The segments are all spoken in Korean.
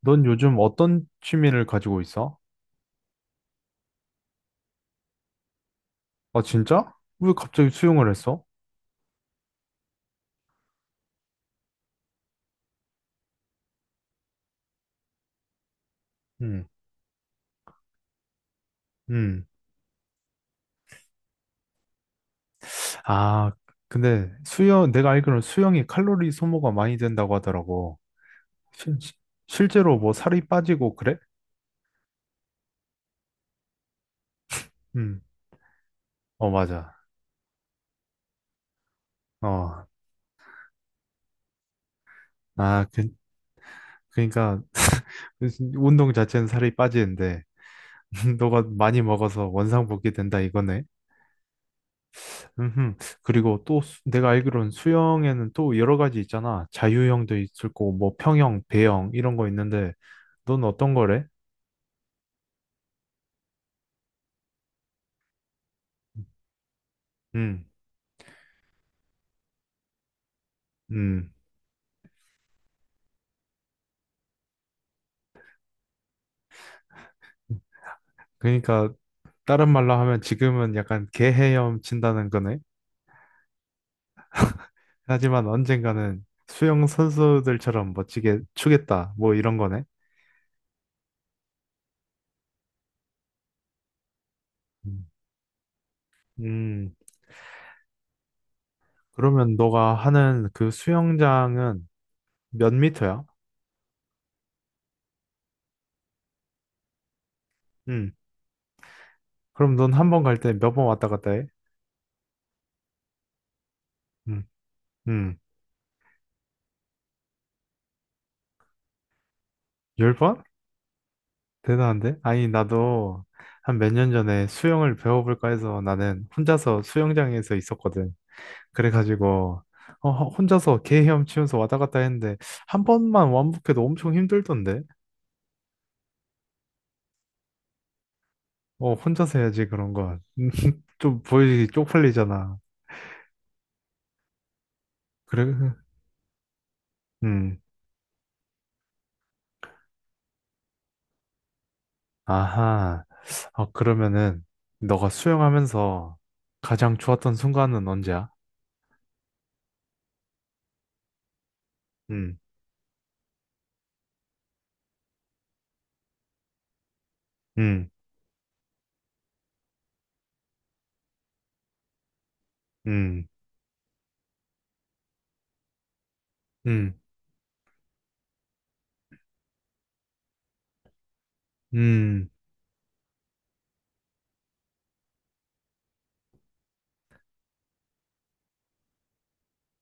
넌 요즘 어떤 취미를 가지고 있어? 아, 진짜? 왜 갑자기 수영을 했어? 음, 음. 아, 근데 수영, 내가 알기로는 수영이 칼로리 소모가 많이 된다고 하더라고. 실, 실제로 뭐 살이 빠지고 그래? 음, 어, 맞아. 어, 아, 그러니까 그 운동 자체는 살이 빠지는데 너가 많이 먹어서 원상복귀 된다 이거네. 음흠. 그리고 또 내가 알기로는 수영에는 또 여러 가지 있잖아. 자유형도 있을 거고, 뭐 평형, 배영 이런 거 있는데, 넌 어떤 거래? 음, 음. 그러니까 다른 말로 하면 지금은 약간 개헤엄 친다는 거네. 하지만 언젠가는 수영 선수들처럼 멋지게 추겠다. 뭐 이런 거네. 음, 음. 그러면 너가 하는 그 수영장은 몇 미터야? 음. 그럼 넌 한 번 갈 때 몇 번 왔다 갔다 해? 음, 음. 열 번? 대단한데? 아니, 나도 한 몇 년 전에 수영을 배워볼까 해서 나는 혼자서 수영장에서 있었거든. 그래가지고, 어, 혼자서 개 헤엄치면서 왔다 갔다 했는데, 한 번만 완복해도 엄청 힘들던데? 어, 혼자서 해야지, 그런 건. 좀 보여지기 쪽팔리잖아. 그래, 음, 아하. 어, 그러면은, 너가 수영하면서 가장 좋았던 순간은 언제야? 음, 음, 음, 음, 음.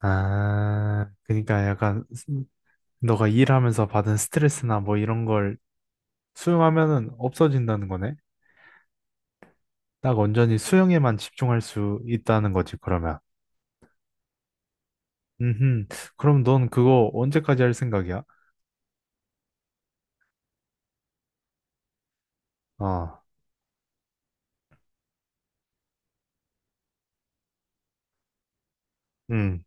아, 그러니까 약간 너가 일하면서 받은 스트레스나 뭐 이런 걸 수용하면은 없어진다는 거네. 딱 온전히 수용에만 집중할 수 있다는 거지, 그러면. 음, 그럼 넌 그거 언제까지 할 생각이야? 어, 음.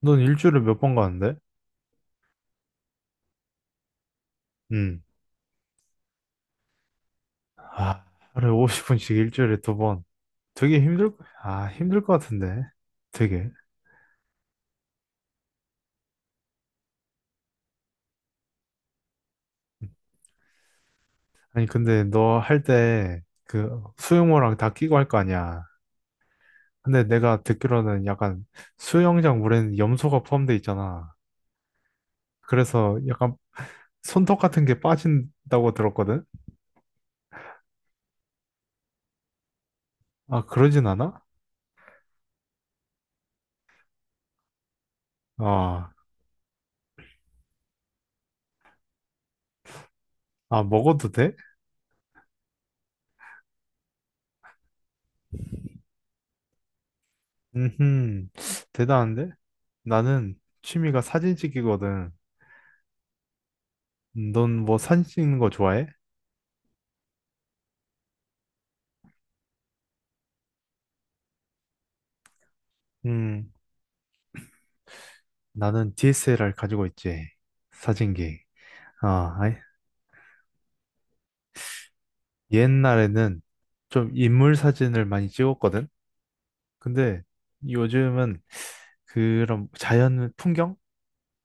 넌 일주일에 몇 번 가는데? 음. 아, 하루에 50분씩 일주일에 두 번. 되게 힘들, 힘들 것 같은데. 되게. 아니, 근데 너 할 때 그 수영모랑 다 끼고 할 거 아니야. 근데 내가 듣기로는 약간 수영장 물에는 염소가 포함돼 있잖아. 그래서 약간 손톱 같은 게 빠진다고 들었거든? 아, 그러진 않아? 아, 먹어도 돼? 음, 대단한데? 나는 취미가 사진 찍기거든. 넌 뭐 사진 찍는 거 좋아해? 음, 나는 DSLR 가지고 있지. 사진기. 아, 옛날에는 좀 인물 사진을 많이 찍었거든? 근데 요즘은 그런 자연 풍경?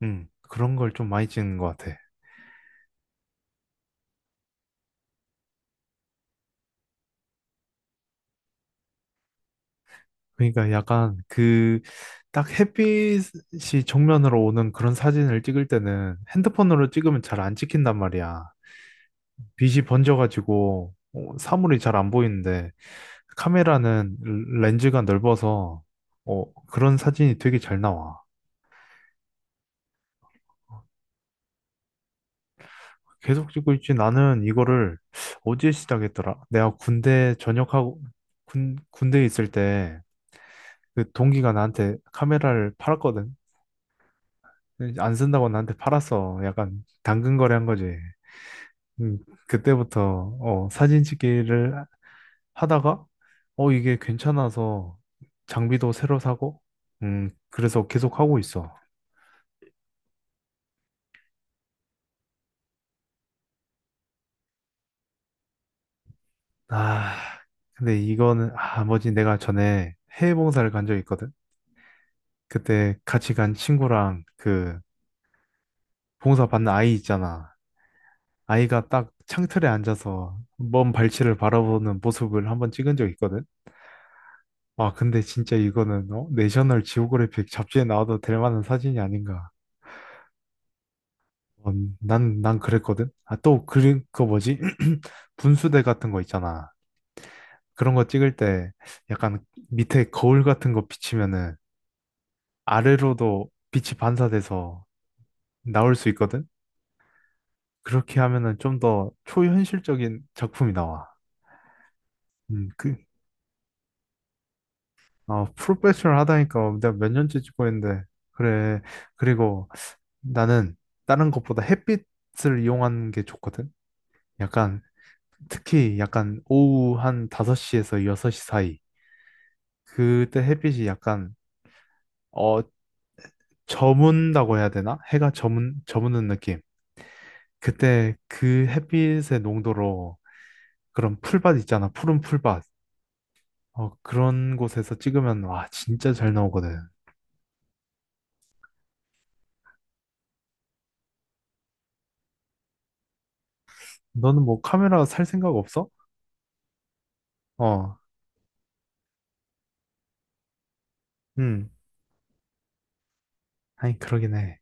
그런 걸 좀 많이 찍는 것 같아. 그러니까 약간 그 딱 햇빛이 정면으로 오는 그런 사진을 찍을 때는 핸드폰으로 찍으면 잘 안 찍힌단 말이야. 빛이 번져가지고 사물이 잘 안 보이는데 카메라는 렌즈가 넓어서 그런 사진이 되게 잘 나와. 계속 찍고 있지. 나는 이거를 어디에 시작했더라? 내가 군대 전역하고 군, 군대에 있을 때 그 동기가 나한테 카메라를 팔았거든. 네, 안 쓴다고 나한테 팔았어. 약간 당근 거래한 거지. 음, 그때부터 사진 찍기를 하다가 이게 괜찮아서 장비도 새로 사고 그래서 계속 하고 있어. 아, 근데 이거는, 뭐지, 내가 전에 해외 봉사를 간 적이 있거든. 그때 같이 간 친구랑 그 봉사 받는 아이 있잖아. 아이가 딱 창틀에 앉아서 먼 발치를 바라보는 모습을 한번 찍은 적이 있거든. 와, 근데 진짜 이거는 어? 내셔널 지오그래픽 잡지에 나와도 될 만한 사진이 아닌가. 어, 난 그랬거든. 아, 또 그 뭐지? 분수대 같은 거 있잖아. 그런 거 찍을 때 약간 밑에 거울 같은 거 비치면은 아래로도 빛이 반사돼서 나올 수 있거든. 그렇게 하면은 좀 더 초현실적인 작품이 나와. 음, 그, 아, 프로페셔널 하다니까 내가 몇 년째 찍고 있는데. 그래. 그리고 나는 다른 것보다 햇빛을 이용하는 게 좋거든. 약간 특히 약간 오후 한 5시에서 6시 사이. 그때 햇빛이 약간 어 저문다고 해야 되나? 해가 저문 저무는 느낌. 그때 그 햇빛의 농도로 그런 풀밭 있잖아. 푸른 풀밭. 그런 곳에서 찍으면 와 진짜 잘 나오거든. 너는 뭐 카메라 살 생각 없어? 어. 음. 아니 그러긴 해.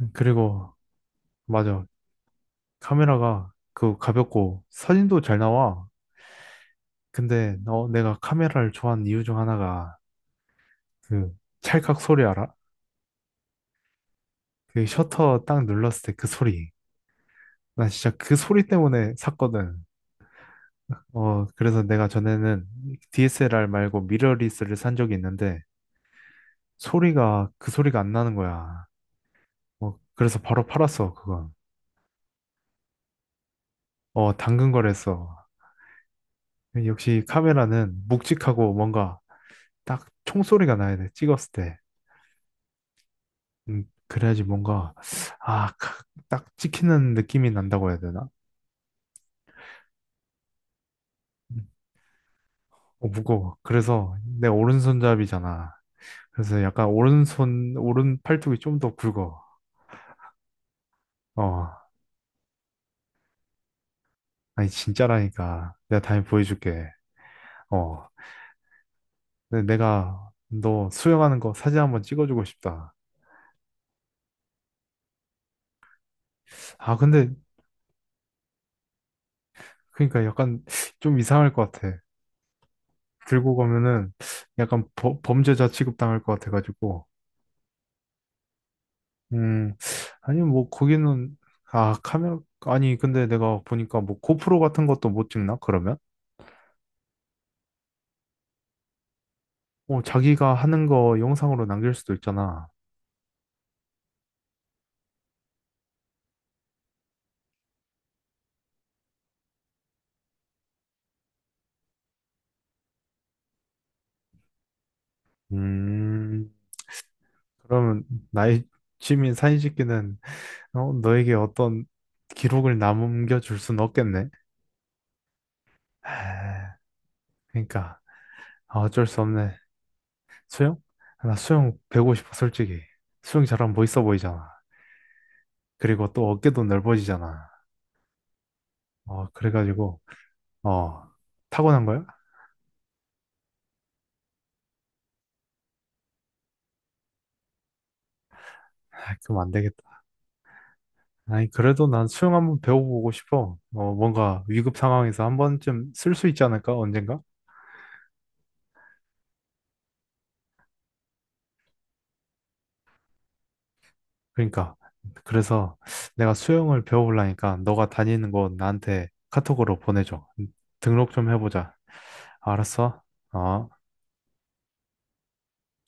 그리고 맞아. 카메라가 그 가볍고 사진도 잘 나와. 근데 너 내가 카메라를 좋아하는 이유 중 하나가 그 찰칵 소리 알아? 그 셔터 딱 눌렀을 때 그 소리. 나 진짜 그 소리 때문에 샀거든. 그래서 내가 전에는 DSLR 말고 미러리스를 산 적이 있는데 소리가 그 소리가 안 나는 거야. 그래서 바로 팔았어, 그건. 당근 거래했어. 역시 카메라는 묵직하고 뭔가 딱 총소리가 나야 돼, 찍었을 때. 그래야지 뭔가, 아, 딱 찍히는 느낌이 난다고 해야 되나? 음, 어, 무거워. 그래서 내 오른손잡이잖아. 그래서 약간 오른 팔뚝이 좀 더 굵어. 어, 아니, 진짜라니까. 내가 다음에 보여줄게. 어, 근데 내가 너 수영하는 거 사진 한번 찍어주고 싶다. 아, 근데, 그러니까 약간 좀 이상할 것 같아. 들고 가면은 약간 범죄자 취급당할 것 같아가지고. 음, 아니, 뭐, 거기는, 아, 카메라, 아니, 근데 내가 보니까 뭐, 고프로 같은 것도 못 찍나, 그러면? 자기가 하는 거 영상으로 남길 수도 있잖아. 음, 그러면 나의 취미 사진 찍기는, 너에게 어떤 기록을 남겨줄 순 없겠네. 하, 그러니까, 아, 어쩔 수 없네. 수영? 아, 나 수영 배우고 싶어, 솔직히. 수영 잘하면 멋있어 보이잖아. 그리고 또 어깨도 넓어지잖아. 그래가지고, 어, 타고난 거야? 아, 그럼 안 되겠다. 아니, 그래도 난 수영 한번 배워보고 싶어. 뭔가 위급 상황에서 한 번쯤 쓸 수 있지 않을까? 언젠가? 그러니까. 그래서 내가 수영을 배워보려니까 너가 다니는 곳 나한테 카톡으로 보내줘. 등록 좀 해보자. 알았어? 어.